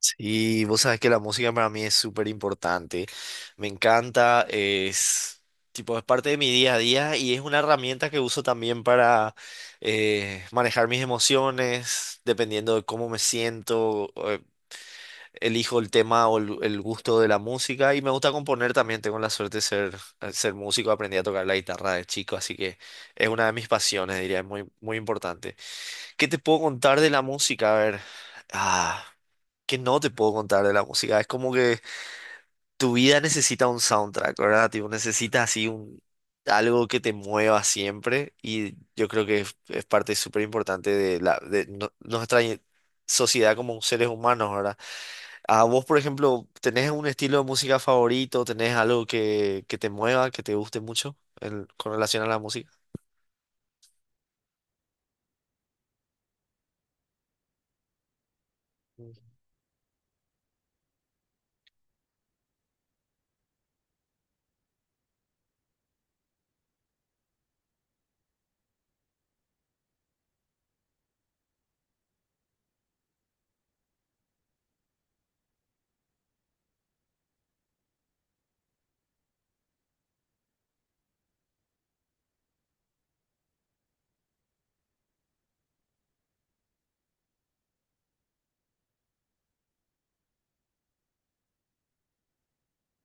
Sí, vos sabés que la música para mí es súper importante. Me encanta, es tipo, es parte de mi día a día y es una herramienta que uso también para manejar mis emociones, dependiendo de cómo me siento, elijo el tema o el gusto de la música y me gusta componer también. Tengo la suerte de ser músico, aprendí a tocar la guitarra de chico, así que es una de mis pasiones, diría, es muy, muy importante. ¿Qué te puedo contar de la música? A ver, ah que no te puedo contar de la música. Es como que tu vida necesita un soundtrack, ¿verdad? Tipo, necesitas así algo que te mueva siempre y yo creo que es parte súper importante de sociedad como seres humanos, ¿verdad? A vos, por ejemplo, ¿tenés un estilo de música favorito? ¿Tenés algo que te mueva, que te guste mucho con relación a la música? Ujú.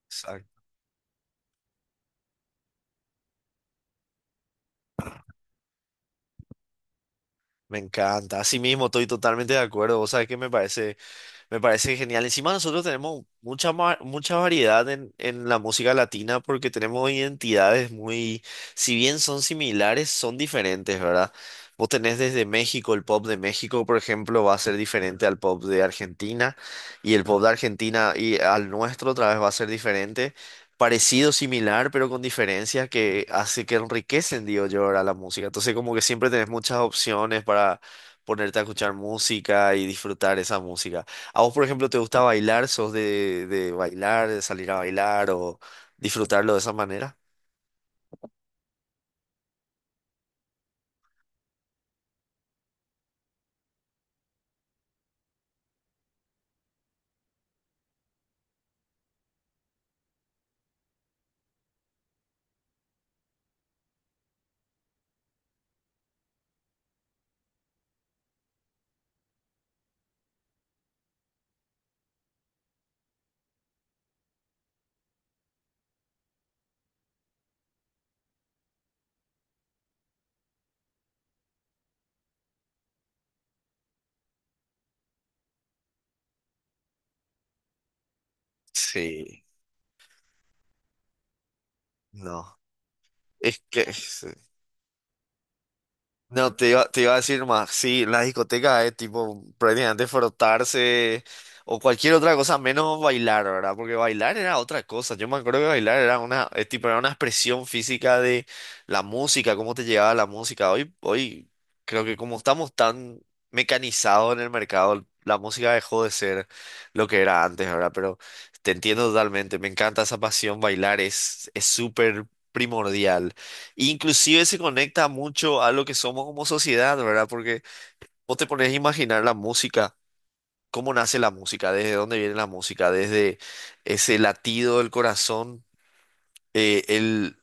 Exacto. Me encanta. Así mismo, estoy totalmente de acuerdo. Vos sabés que me parece. Me parece genial. Encima nosotros tenemos mucha variedad en la música latina porque tenemos identidades muy, si bien son similares, son diferentes, ¿verdad? Vos tenés desde México, el pop de México, por ejemplo, va a ser diferente al pop de Argentina y el pop de Argentina y al nuestro otra vez va a ser diferente. Parecido, similar, pero con diferencias que hace que enriquecen, digo yo, ahora la música. Entonces, como que siempre tenés muchas opciones para ponerte a escuchar música y disfrutar esa música. ¿A vos, por ejemplo, te gusta bailar? ¿Sos de bailar, de salir a bailar o disfrutarlo de esa manera? Sí. No. Es que... No, te iba a decir más, sí, la discoteca es tipo prácticamente frotarse o cualquier otra cosa menos bailar, ¿verdad? Porque bailar era otra cosa. Yo me acuerdo que bailar era una, es tipo, era una expresión física de la música, cómo te llegaba la música. Hoy creo que como estamos tan mecanizados en el mercado, la música dejó de ser lo que era antes, ¿verdad? Pero te entiendo totalmente, me encanta esa pasión, bailar es súper primordial. Inclusive se conecta mucho a lo que somos como sociedad, ¿verdad? Porque vos te pones a imaginar la música, cómo nace la música, desde dónde viene la música, desde ese latido del corazón, eh, el,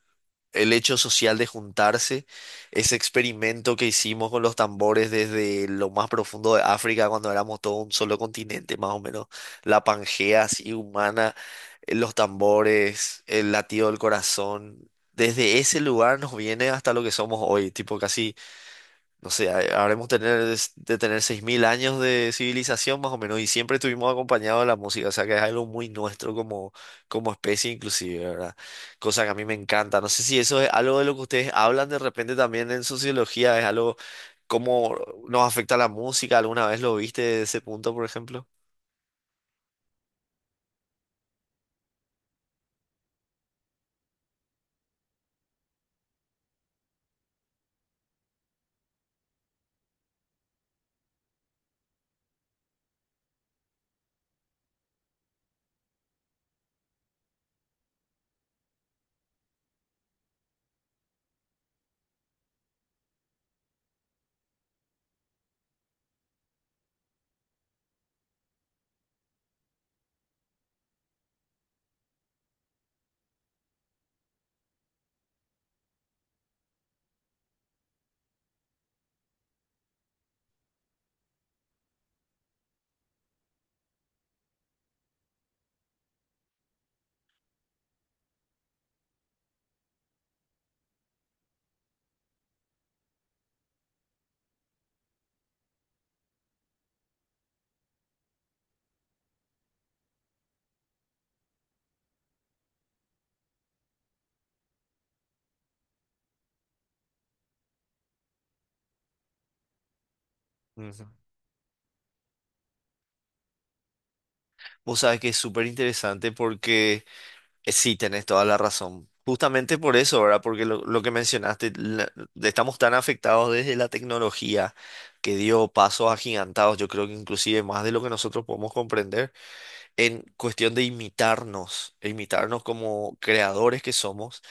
el hecho social de juntarse, ese experimento que hicimos con los tambores desde lo más profundo de África, cuando éramos todo un solo continente, más o menos, la Pangea así humana, los tambores, el latido del corazón, desde ese lugar nos viene hasta lo que somos hoy, tipo casi no sé, de tener 6000 años de civilización más o menos y siempre estuvimos acompañados de la música, o sea que es algo muy nuestro como, como especie inclusive, ¿verdad? Cosa que a mí me encanta. No sé si eso es algo de lo que ustedes hablan de repente también en sociología, es algo cómo nos afecta la música, ¿alguna vez lo viste desde ese punto, por ejemplo? Ujú. Vos sabés que es súper interesante porque... Sí, tenés toda la razón. Justamente por eso, ¿verdad? Porque lo que mencionaste, la- estamos tan afectados desde la tecnología que dio pasos agigantados, yo creo que inclusive más de lo que nosotros podemos comprender en cuestión de imitarnos, e imitarnos como creadores que somos,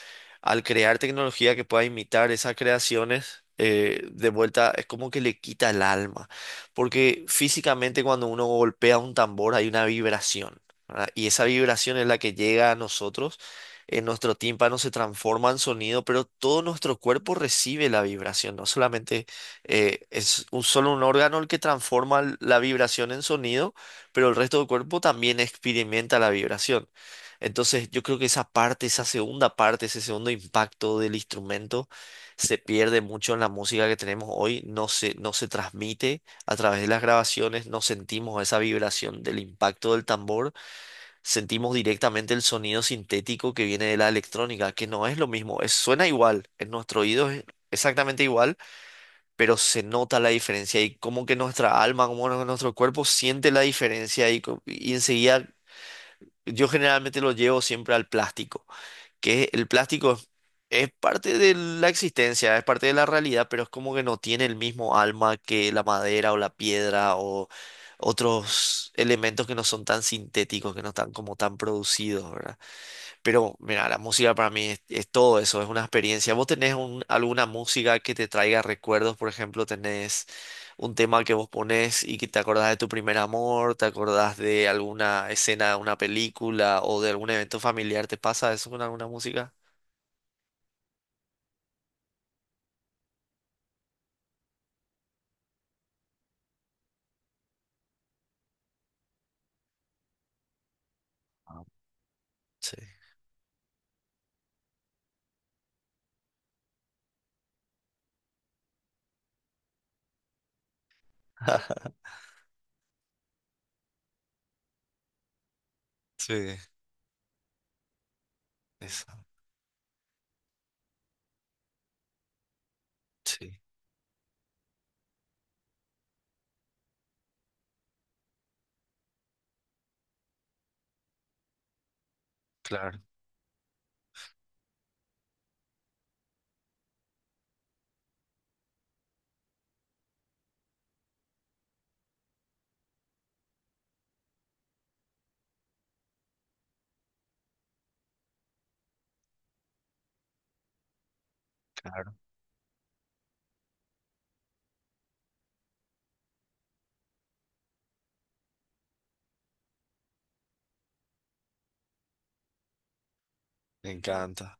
al crear tecnología que pueda imitar esas creaciones, de vuelta es como que le quita el alma, porque físicamente cuando uno golpea un tambor hay una vibración, ¿verdad? Y esa vibración es la que llega a nosotros. En nuestro tímpano se transforma en sonido, pero todo nuestro cuerpo recibe la vibración, no solamente solo un órgano el que transforma la vibración en sonido, pero el resto del cuerpo también experimenta la vibración. Entonces, yo creo que esa parte, esa segunda parte, ese segundo impacto del instrumento se pierde mucho en la música que tenemos hoy, no se transmite a través de las grabaciones, no sentimos esa vibración del impacto del tambor, sentimos directamente el sonido sintético que viene de la electrónica, que no es lo mismo, es- suena igual, en nuestro oído es exactamente igual pero se nota la diferencia y como que nuestra alma, nuestro cuerpo siente la diferencia y, co- y enseguida yo generalmente lo llevo siempre al plástico, que el plástico es parte de la existencia, es parte de la realidad, pero es como que no tiene el mismo alma que la madera o la piedra o otros elementos que no son tan sintéticos, que no están como tan producidos, ¿verdad? Pero mira, la música para mí es todo eso, es una experiencia. ¿Vos tenés un- alguna música que te traiga recuerdos? Por ejemplo, tenés un tema que vos ponés y que te acordás de tu primer amor, te acordás de alguna escena de una película o de algún evento familiar. ¿Te pasa eso con alguna música? Ah, sí, sí, esa, sí, claro, claro, me encanta.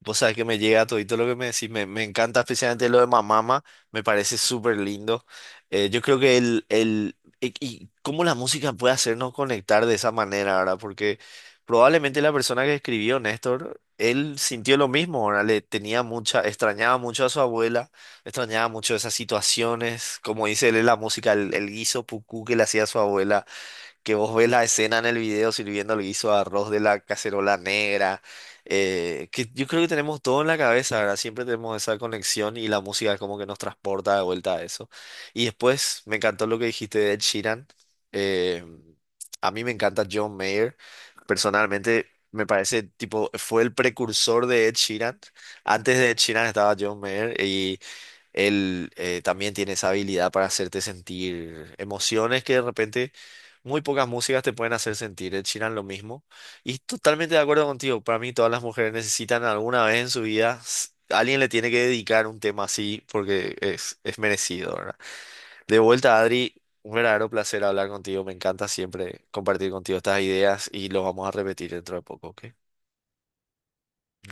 Vos sabés que me llega todito lo que me decís, me encanta especialmente lo de Mamama, me parece súper lindo. Yo creo que y cómo la música puede hacernos conectar de esa manera, ¿verdad? Porque probablemente la persona que escribió, Néstor, él sintió lo mismo, ¿verdad? Le tenía mucha, extrañaba mucho a su abuela, extrañaba mucho esas situaciones, como dice él en la música, el guiso pucú que le hacía a su abuela que vos ves la escena en el video sirviendo el guiso de arroz de la cacerola negra, que yo creo que tenemos todo en la cabeza, ¿verdad? Siempre tenemos esa conexión y la música es como que nos transporta de vuelta a eso. Y después me encantó lo que dijiste de Ed Sheeran. eh, a mí me encanta John Mayer. Personalmente me parece, tipo, fue el precursor de Ed Sheeran. Antes de Ed Sheeran estaba John Mayer y él también tiene esa habilidad para hacerte sentir emociones que de repente muy pocas músicas te pueden hacer sentir. Ed Sheeran lo mismo. Y totalmente de acuerdo contigo. Para mí todas las mujeres necesitan alguna vez en su vida, s- alguien le tiene que dedicar un tema así porque es merecido, ¿verdad? De vuelta, Adri, un verdadero placer hablar contigo. Me encanta siempre compartir contigo estas ideas y lo vamos a repetir dentro de poco, ¿ok?